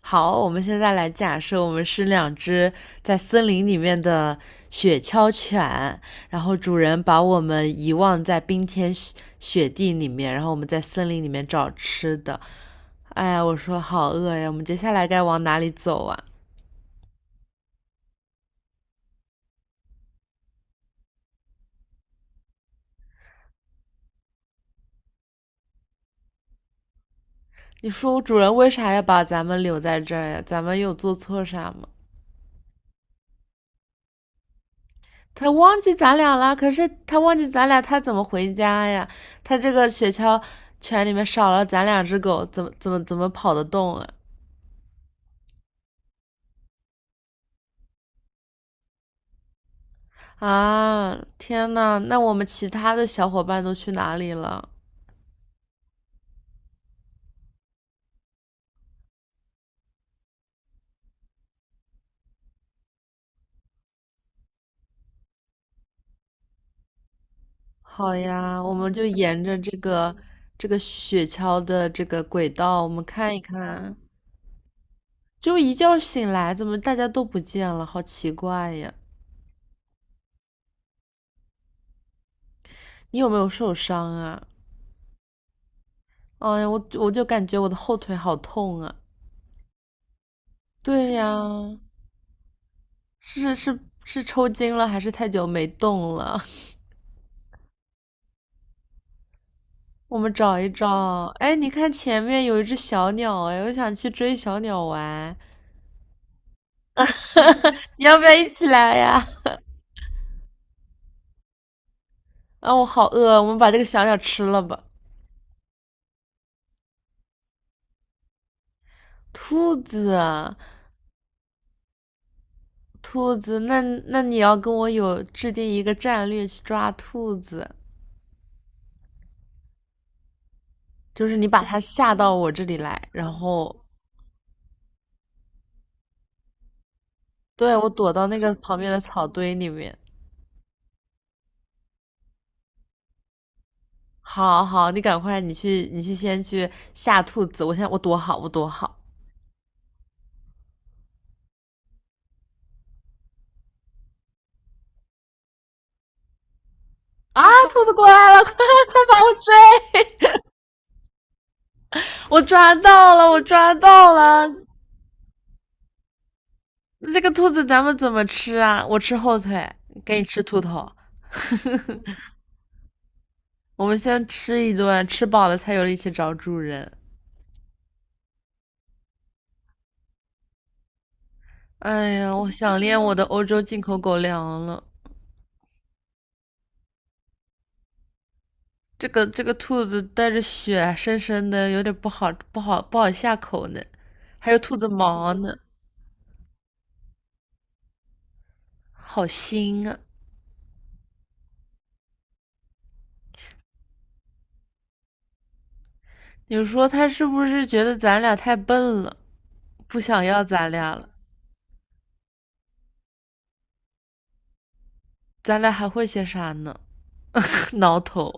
好，我们现在来假设我们是两只在森林里面的雪橇犬，然后主人把我们遗忘在冰天雪雪地里面，然后我们在森林里面找吃的。哎呀，我说好饿呀，我们接下来该往哪里走啊？你说主人为啥要把咱们留在这儿呀？咱们有做错啥吗？他忘记咱俩了，可是他忘记咱俩，他怎么回家呀？他这个雪橇犬里面少了咱两只狗，怎么跑得动啊？啊，天呐，那我们其他的小伙伴都去哪里了？好呀，我们就沿着这个雪橇的这个轨道，我们看一看。就一觉醒来，怎么大家都不见了？好奇怪呀！你有没有受伤啊？哎呀，我就感觉我的后腿好痛啊！对呀，是抽筋了，还是太久没动了？我们找一找。哎，你看前面有一只小鸟，哎，我想去追小鸟玩。你要不要一起来呀？啊，我好饿，我们把这个小鸟吃了吧。兔子啊，兔子，那你要跟我有制定一个战略去抓兔子，就是你把它吓到我这里来，然后对我躲到那个旁边的草堆里面。好好，你赶快，你去，你去先去吓兔子。我现在我躲好，我躲好。啊！兔子过来了，快快把我追！我抓到了，我抓到了！那这个兔子咱们怎么吃啊？我吃后腿，给你吃兔头。我们先吃一顿，吃饱了才有力气找主人。哎呀，我想念我的欧洲进口狗粮了。这个兔子带着血，深深的，有点不好下口呢。还有兔子毛呢，好腥啊！你说它是不是觉得咱俩太笨了，不想要咱俩了？咱俩还会些啥呢？挠头。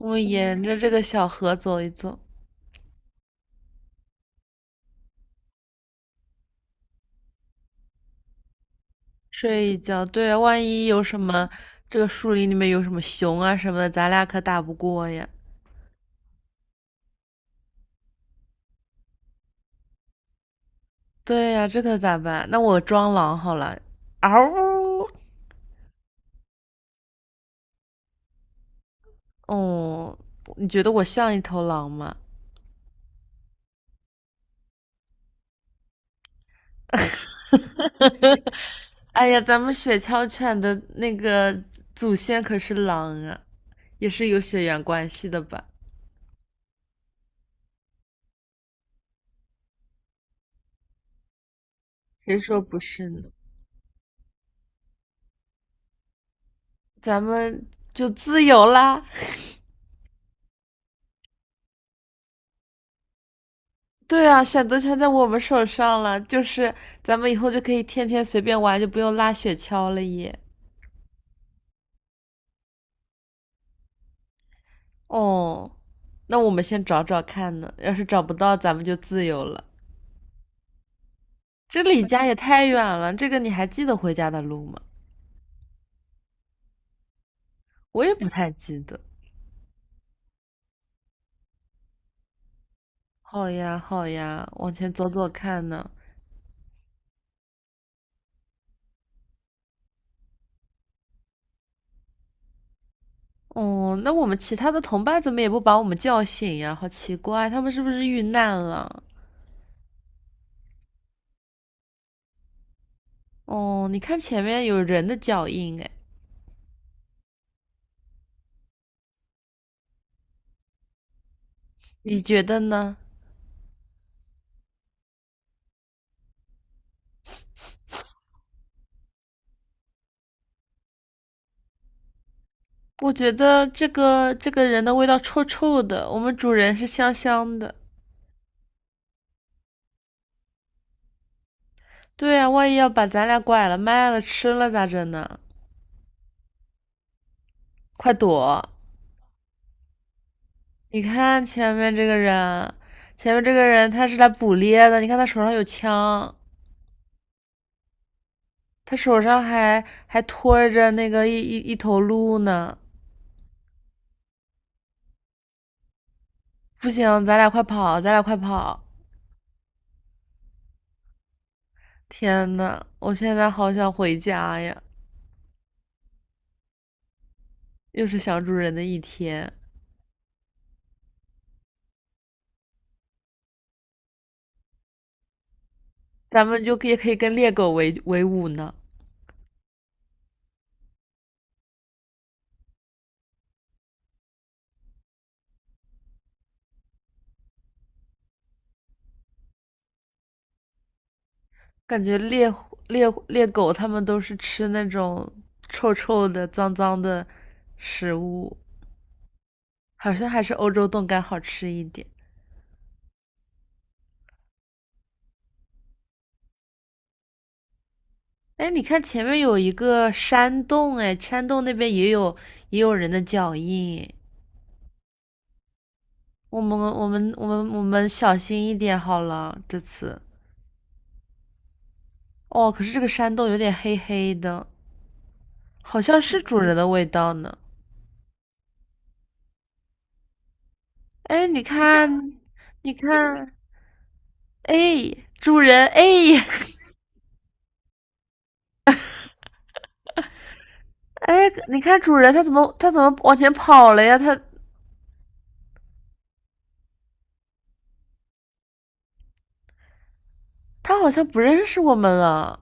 我们沿着这个小河走一走，睡一觉，对啊，万一有什么，这个树林里面有什么熊啊什么的，咱俩可打不过呀。对呀，这可咋办？那我装狼好了。嗷呜！哦，你觉得我像一头狼吗？哎呀，咱们雪橇犬的那个祖先可是狼啊，也是有血缘关系的吧？谁说不是呢？咱们就自由啦！对啊，选择权在我们手上了，就是咱们以后就可以天天随便玩，就不用拉雪橇了耶。哦，那我们先找找看呢，要是找不到，咱们就自由了。这离家也太远了，这个你还记得回家的路吗？我也不太记得。好呀，好呀，往前走走看呢。哦，那我们其他的同伴怎么也不把我们叫醒呀？好奇怪，他们是不是遇难了？哦，你看前面有人的脚印，哎，你觉得呢？我觉得这个人的味道臭臭的，我们主人是香香的。对啊，万一要把咱俩拐了、卖了、吃了咋整呢？快躲！你看前面这个人，前面这个人他是来捕猎的，你看他手上有枪，他手上还拖着那个一头鹿呢。不行，咱俩快跑，咱俩快跑！天呐，我现在好想回家呀！又是想主人的一天，咱们就也可以跟猎狗为伍呢。感觉猎狗它们都是吃那种臭臭的、脏脏的食物，好像还是欧洲冻干好吃一点。哎，你看前面有一个山洞，哎，山洞那边也有人的脚印。我们小心一点好了，这次。哦，可是这个山洞有点黑黑的，好像是主人的味道呢。哎，你看，你看，哎，主人，哎，哎，你看主人他怎么往前跑了呀？他他好像不认识我们了，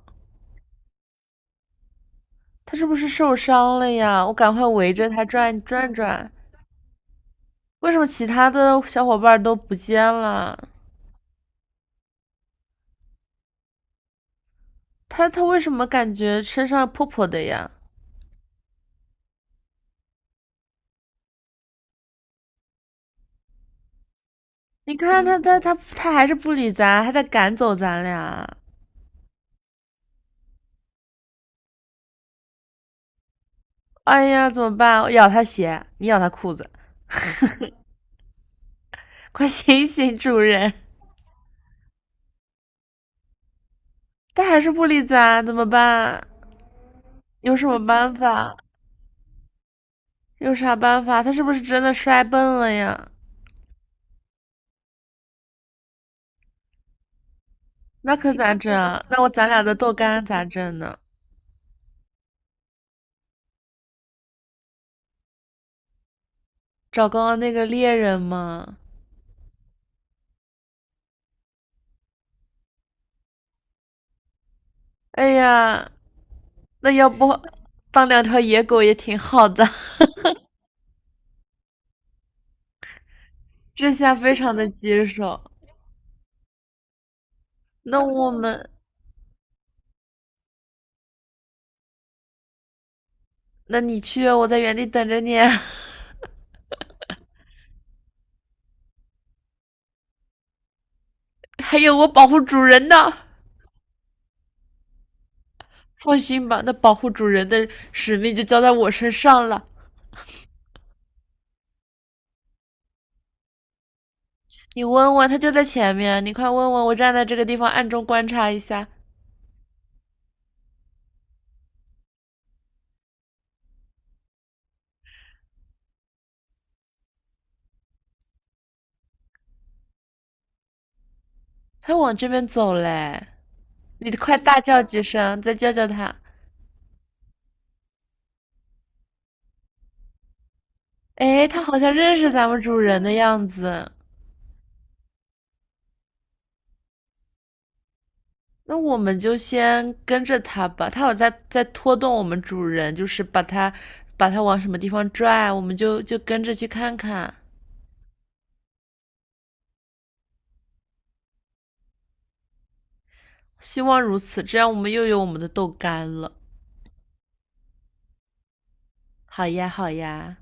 他是不是受伤了呀？我赶快围着他转转转。为什么其他的小伙伴都不见了？他他为什么感觉身上破破的呀？你看他还是不理咱，还在赶走咱俩。哎呀，怎么办？我咬他鞋，你咬他裤子，快醒醒，主人！他还是不理咱，怎么办？有什么办法？有啥办法？他是不是真的摔笨了呀？那可咋整啊？那我咱俩的豆干咋整呢？找刚刚那个猎人吗？哎呀，那要不当两条野狗也挺好的。这下非常的棘手。那我们，那你去，我在原地等着你啊。还有我保护主人呢。放心吧，那保护主人的使命就交在我身上了。你问问，他就在前面，你快问问，我站在这个地方暗中观察一下。他往这边走嘞，你快大叫几声，再叫叫它。哎，它好像认识咱们主人的样子，那我们就先跟着它吧。它有在拖动我们主人，就是把它往什么地方拽，我们就跟着去看看。希望如此，这样我们又有我们的豆干了。好呀，好呀。